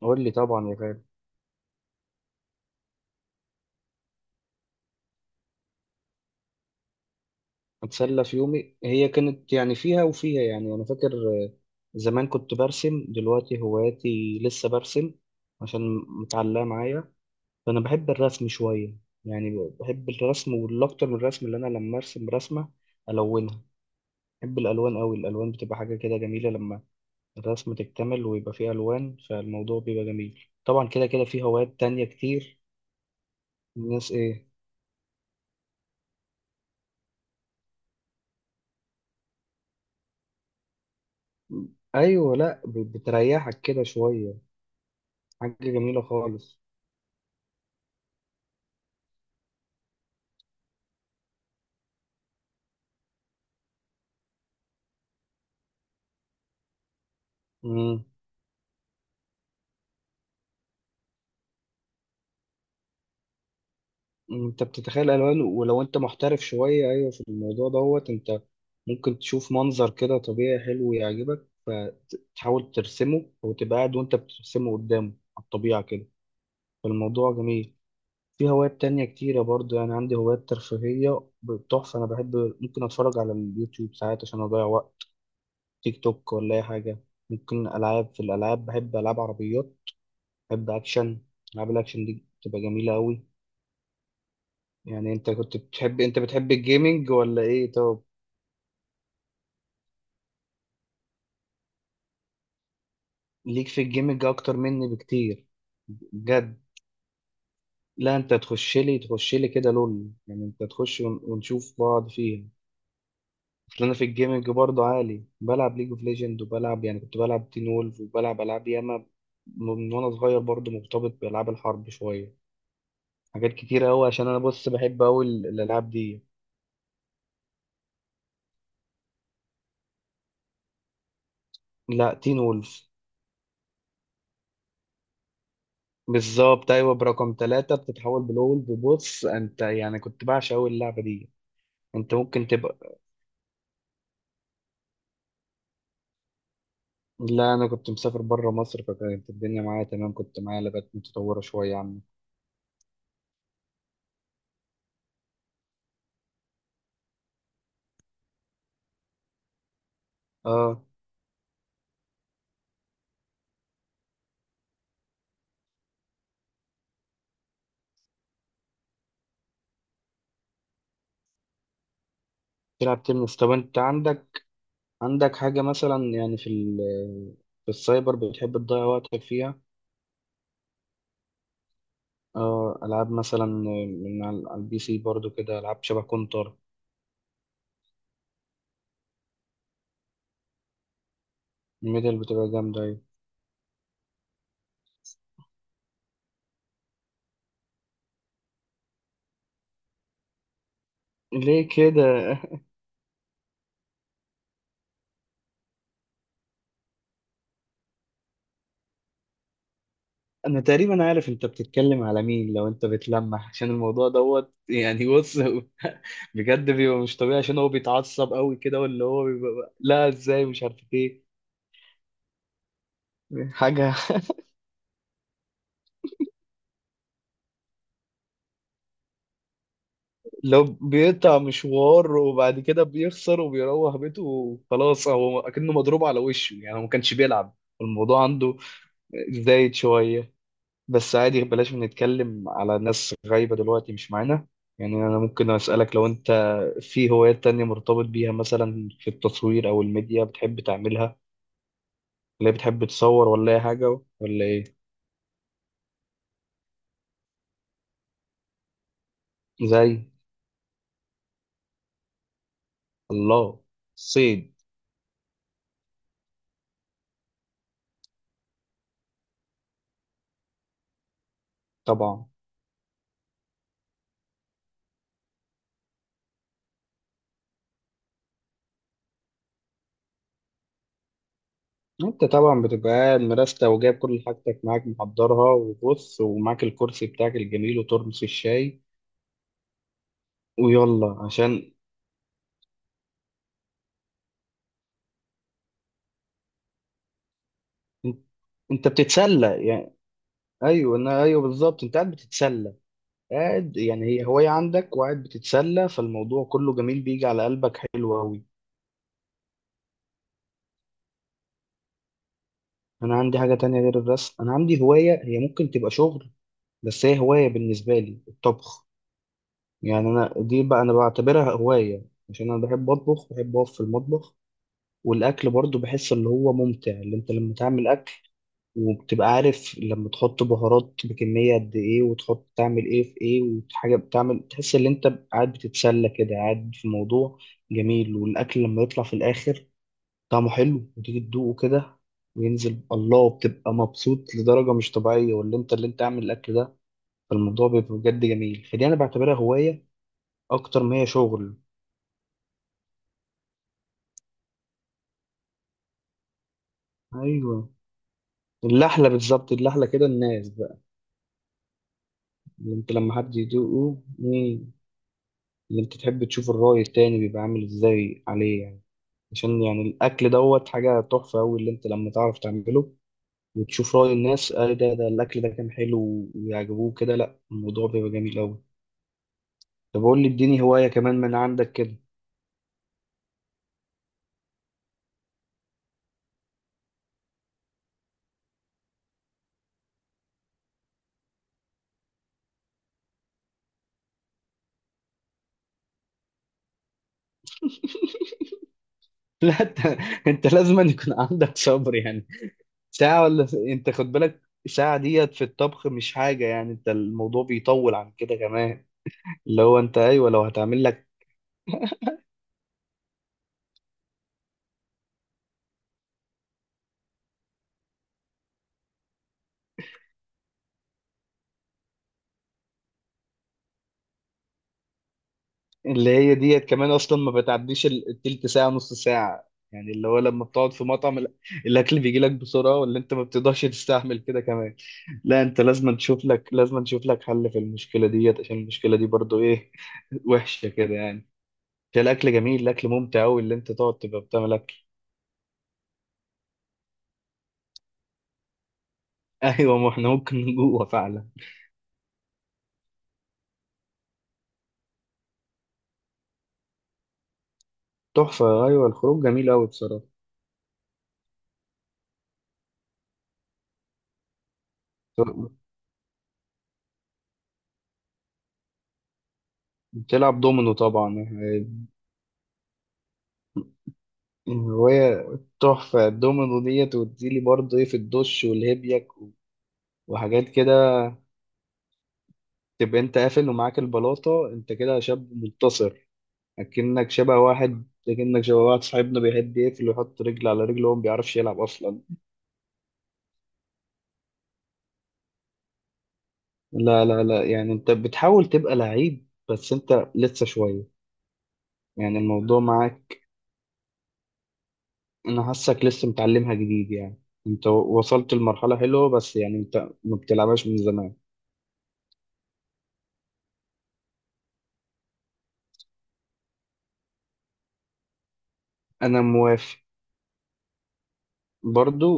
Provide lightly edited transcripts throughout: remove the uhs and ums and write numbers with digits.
قول لي طبعا يا غالي. اتسلى في يومي، هي كانت يعني فيها وفيها. يعني انا فاكر، زمان كنت برسم. دلوقتي هواياتي لسه برسم عشان متعلقه معايا. فانا بحب الرسم شويه، يعني بحب الرسم، والاكتر من الرسم اللي انا لما ارسم رسمه الونها. بحب الالوان قوي، الالوان بتبقى حاجه كده جميله لما الرسم تكتمل ويبقى فيه الوان، فالموضوع بيبقى جميل. طبعا كده كده في هوايات تانية كتير. الناس ايه؟ ايوه، لا بتريحك كده شويه. حاجة جميلة خالص. مم. انت بتتخيل الوان، ولو انت محترف شوية ايوه في الموضوع دوت، انت ممكن تشوف منظر كده طبيعي حلو يعجبك فتحاول ترسمه، او تبقى قاعد وانت بترسمه قدامه على الطبيعة كده. فالموضوع جميل. في هوايات تانية كتيرة برضو، يعني عندي هوايات ترفيهية تحفة. أنا بحب ممكن أتفرج على اليوتيوب ساعات عشان أضيع وقت، تيك توك ولا أي حاجة. ممكن ألعاب، في الألعاب بحب ألعاب عربيات، بحب أكشن. ألعاب الأكشن دي بتبقى جميلة أوي. يعني انت كنت بتحب، انت بتحب الجيمنج ولا ايه؟ طب ليك في الجيمنج اكتر مني بكتير؟ بجد؟ لا انت تخش لي كده لول، يعني انت تخش ونشوف بعض فيها. اصل انا في الجيمنج برضه عالي، بلعب ليج اوف ليجند، وبلعب يعني كنت بلعب تين وولف، وبلعب العاب ياما من وانا صغير. برضه مرتبط بالعاب الحرب شويه، حاجات كتيره قوي، عشان انا بص بحب قوي الالعاب دي. لا تين وولف. بالظبط، ايوه برقم 3 بتتحول بلول. ببص انت، يعني كنت بعشق قوي اللعبه دي. انت ممكن تبقى، لا انا كنت مسافر بره مصر، فكانت الدنيا معايا تمام، كنت معايا لغات متطوره شويه عنه. اه. تلعب تنس؟ طب انت عندك، حاجه مثلا يعني في السايبر بتحب تضيع وقتك فيها؟ اه، العاب مثلا من على على البي سي برضو كده، العاب شبه كونتر. الميدل بتبقى جامده أوي. ليه كده؟ انا تقريبا عارف انت بتتكلم على مين لو انت بتلمح، عشان الموضوع دوت يعني، بص بجد بيبقى مش طبيعي، عشان هو بيتعصب قوي كده، واللي هو بيبقى لا ازاي، مش عارف ايه حاجة لو بيقطع مشوار وبعد كده بيخسر وبيروح بيته وخلاص، هو اكنه مضروب على وشه، يعني هو ما كانش بيلعب. الموضوع عنده زايد شوية. بس عادي، بلاش نتكلم على ناس غايبة دلوقتي مش معانا. يعني أنا ممكن أسألك، لو أنت في هوايات تانية مرتبط بيها، مثلا في التصوير أو الميديا بتحب تعملها؟ ولا بتحب تصور ولا أي حاجة ولا إيه؟ زي، الله، صيد. طبعا. أنت طبعا بتبقى قاعد مرستة وجايب كل حاجتك معاك محضرها، وبص ومعاك الكرسي بتاعك الجميل وترمس الشاي. ويلا عشان، أنت، بتتسلى يعني. أيوه، أنا أيوه بالظبط، أنت قاعد بتتسلى. قاعد يعني هي هواية عندك، وقاعد بتتسلى، فالموضوع كله جميل بيجي على قلبك حلو أوي. أنا عندي حاجة تانية غير الرسم. أنا عندي هواية هي ممكن تبقى شغل، بس هي هواية بالنسبة لي، الطبخ. يعني أنا دي بقى أنا بعتبرها هواية، عشان أنا بحب أطبخ، بحب أقف في المطبخ. والأكل برضو بحس اللي هو ممتع، اللي أنت لما تعمل وبتبقى عارف لما تحط بهارات بكمية قد إيه، وتحط تعمل إيه في إيه، وحاجة بتعمل، تحس إن أنت قاعد بتتسلى كده، قاعد في موضوع جميل. والأكل لما يطلع في الآخر طعمه حلو وتيجي تدوقه كده وينزل، الله بتبقى مبسوط لدرجة مش طبيعية، واللي أنت، اللي أنت عامل الأكل ده. فالموضوع بيبقى بجد جميل، فدي أنا بعتبرها هواية أكتر ما هي شغل. أيوه، اللحلة بالظبط، اللحلة كده الناس بقى. اللي أنت لما حد يدوقه. مم. اللي انت تحب تشوف الرأي التاني بيبقى عامل ازاي عليه، يعني عشان يعني الأكل دوت حاجة تحفة أوي اللي انت لما تعرف تعمله، وتشوف رأي الناس، اه ده ده الأكل ده كان حلو ويعجبوه كده، لا الموضوع بيبقى جميل أوي. طب قول لي اديني هواية كمان من عندك كده لا انت لازم أن يكون عندك صبر يعني. ساعة ولا انت خد بالك ساعة ديت في الطبخ مش حاجة، يعني انت الموضوع بيطول عن كده كمان. اللي هو انت، ايوه لو هتعمل لك. اللي هي ديت كمان اصلا ما بتعديش التلت ساعه نص ساعه، يعني اللي هو لما بتقعد في مطعم الاكل بيجي لك بسرعه، ولا انت ما بتقدرش تستحمل كده كمان؟ لا انت لازم تشوف لك، حل في المشكله ديت، عشان المشكله دي برضو ايه وحشه كده يعني. عشان الاكل جميل، الاكل ممتع قوي اللي انت تقعد تبقى بتعمل اكل ايوه ما احنا ممكن نجوع فعلا. تحفه، ايوه الخروج جميل قوي بصراحه. بتلعب دومينو طبعا. الرواية، تحفة الدومينو ديت، وتديلي برضه ايه في الدش والهبيك وحاجات كده. تبقى انت قافل ومعاك البلاطة، انت كده شاب منتصر. اكنك شبه واحد صاحبنا بيحب يقفل ويحط رجل على رجل وهو ما بيعرفش يلعب اصلا. لا لا لا، يعني انت بتحاول تبقى لعيب بس انت لسه شوية. يعني الموضوع معاك، انا حاسك لسه متعلمها جديد يعني، انت وصلت لمرحلة حلوة، بس يعني انت ما بتلعبهاش من زمان. انا موافق برضو.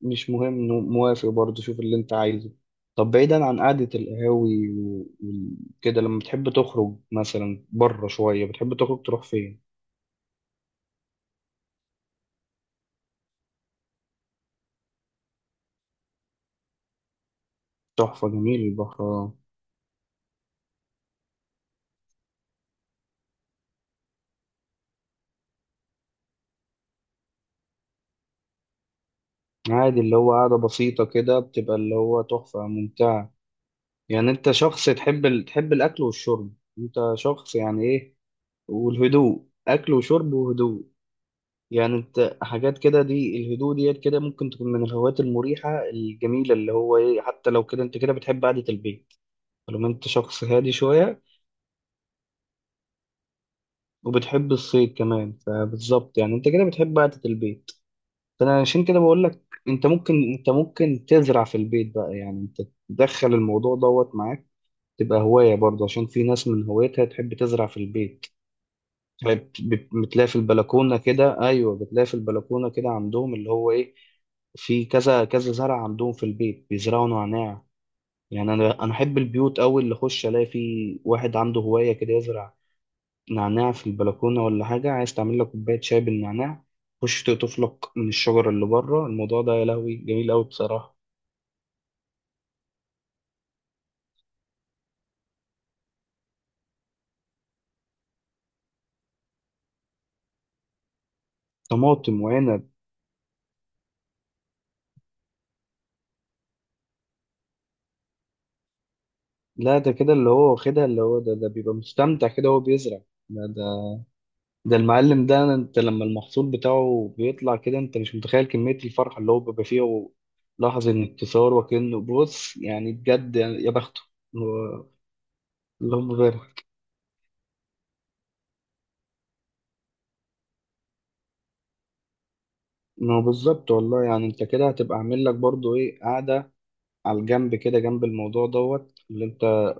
مش مهم، موافق برضه، شوف اللي انت عايزه. طب بعيدا عن قعدة القهاوي وكده، لما بتحب تخرج مثلا بره شوية بتحب تخرج تروح فين؟ تحفة، جميل البحر، آه. عادي، اللي هو قعدة بسيطة كده بتبقى اللي هو تحفة ممتعة. يعني انت شخص تحب تحب الأكل والشرب، انت شخص يعني ايه. والهدوء، أكل وشرب وهدوء. يعني انت حاجات كده دي الهدوء ديت كده ممكن تكون من الهوايات المريحة الجميلة اللي هو ايه، حتى لو كده انت كده بتحب قعدة البيت. طالما انت شخص هادي شوية وبتحب الصيد كمان، فبالظبط يعني انت كده بتحب قعدة البيت. فانا عشان كده بقول لك، انت ممكن تزرع في البيت بقى، يعني انت تدخل الموضوع دوت معاك، تبقى هواية برضه، عشان في ناس من هوايتها تحب تزرع في البيت. بتلاقي في البلكونة كده، ايوه بتلاقي في البلكونة كده عندهم، اللي هو ايه، في كذا كذا زرع عندهم في البيت، بيزرعوا نعناع. يعني انا احب البيوت قوي اللي اخش الاقي فيه واحد عنده هواية كده، يزرع نعناع في البلكونة ولا حاجة، عايز تعمل لك كوباية شاي بالنعناع، خش تقطف لك من الشجرة اللي بره. الموضوع ده يا لهوي جميل أوي بصراحة. طماطم وعنب؟ لا ده كده اللي هو واخدها، اللي هو ده بيبقى مستمتع كده وهو بيزرع. ده ده ده المعلم ده، انت لما المحصول بتاعه بيطلع كده انت مش متخيل كمية الفرحة اللي هو بيبقى فيها. لحظة انتصار، وكأنه بص يعني بجد يعني يا بخته. هو- اللهم بارك. ما هو بالظبط والله، يعني انت كده هتبقى عامل لك برضو ايه قعدة على الجنب كده، جنب الموضوع دوت اللي انت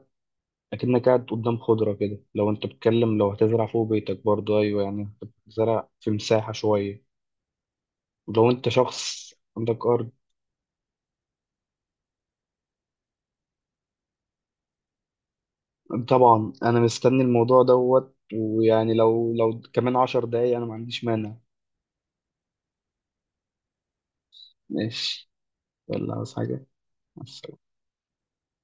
اكنك قاعد قدام خضرة كده، لو انت بتتكلم لو هتزرع فوق بيتك برضه، ايوه يعني انت بتزرع في مساحة شوية لو انت شخص عندك ارض. طبعا انا مستني الموضوع دوت، ويعني لو كمان 10 دقايق انا ما عنديش مانع. ماشي. ولا عاوز حاجة؟ مع السلامة.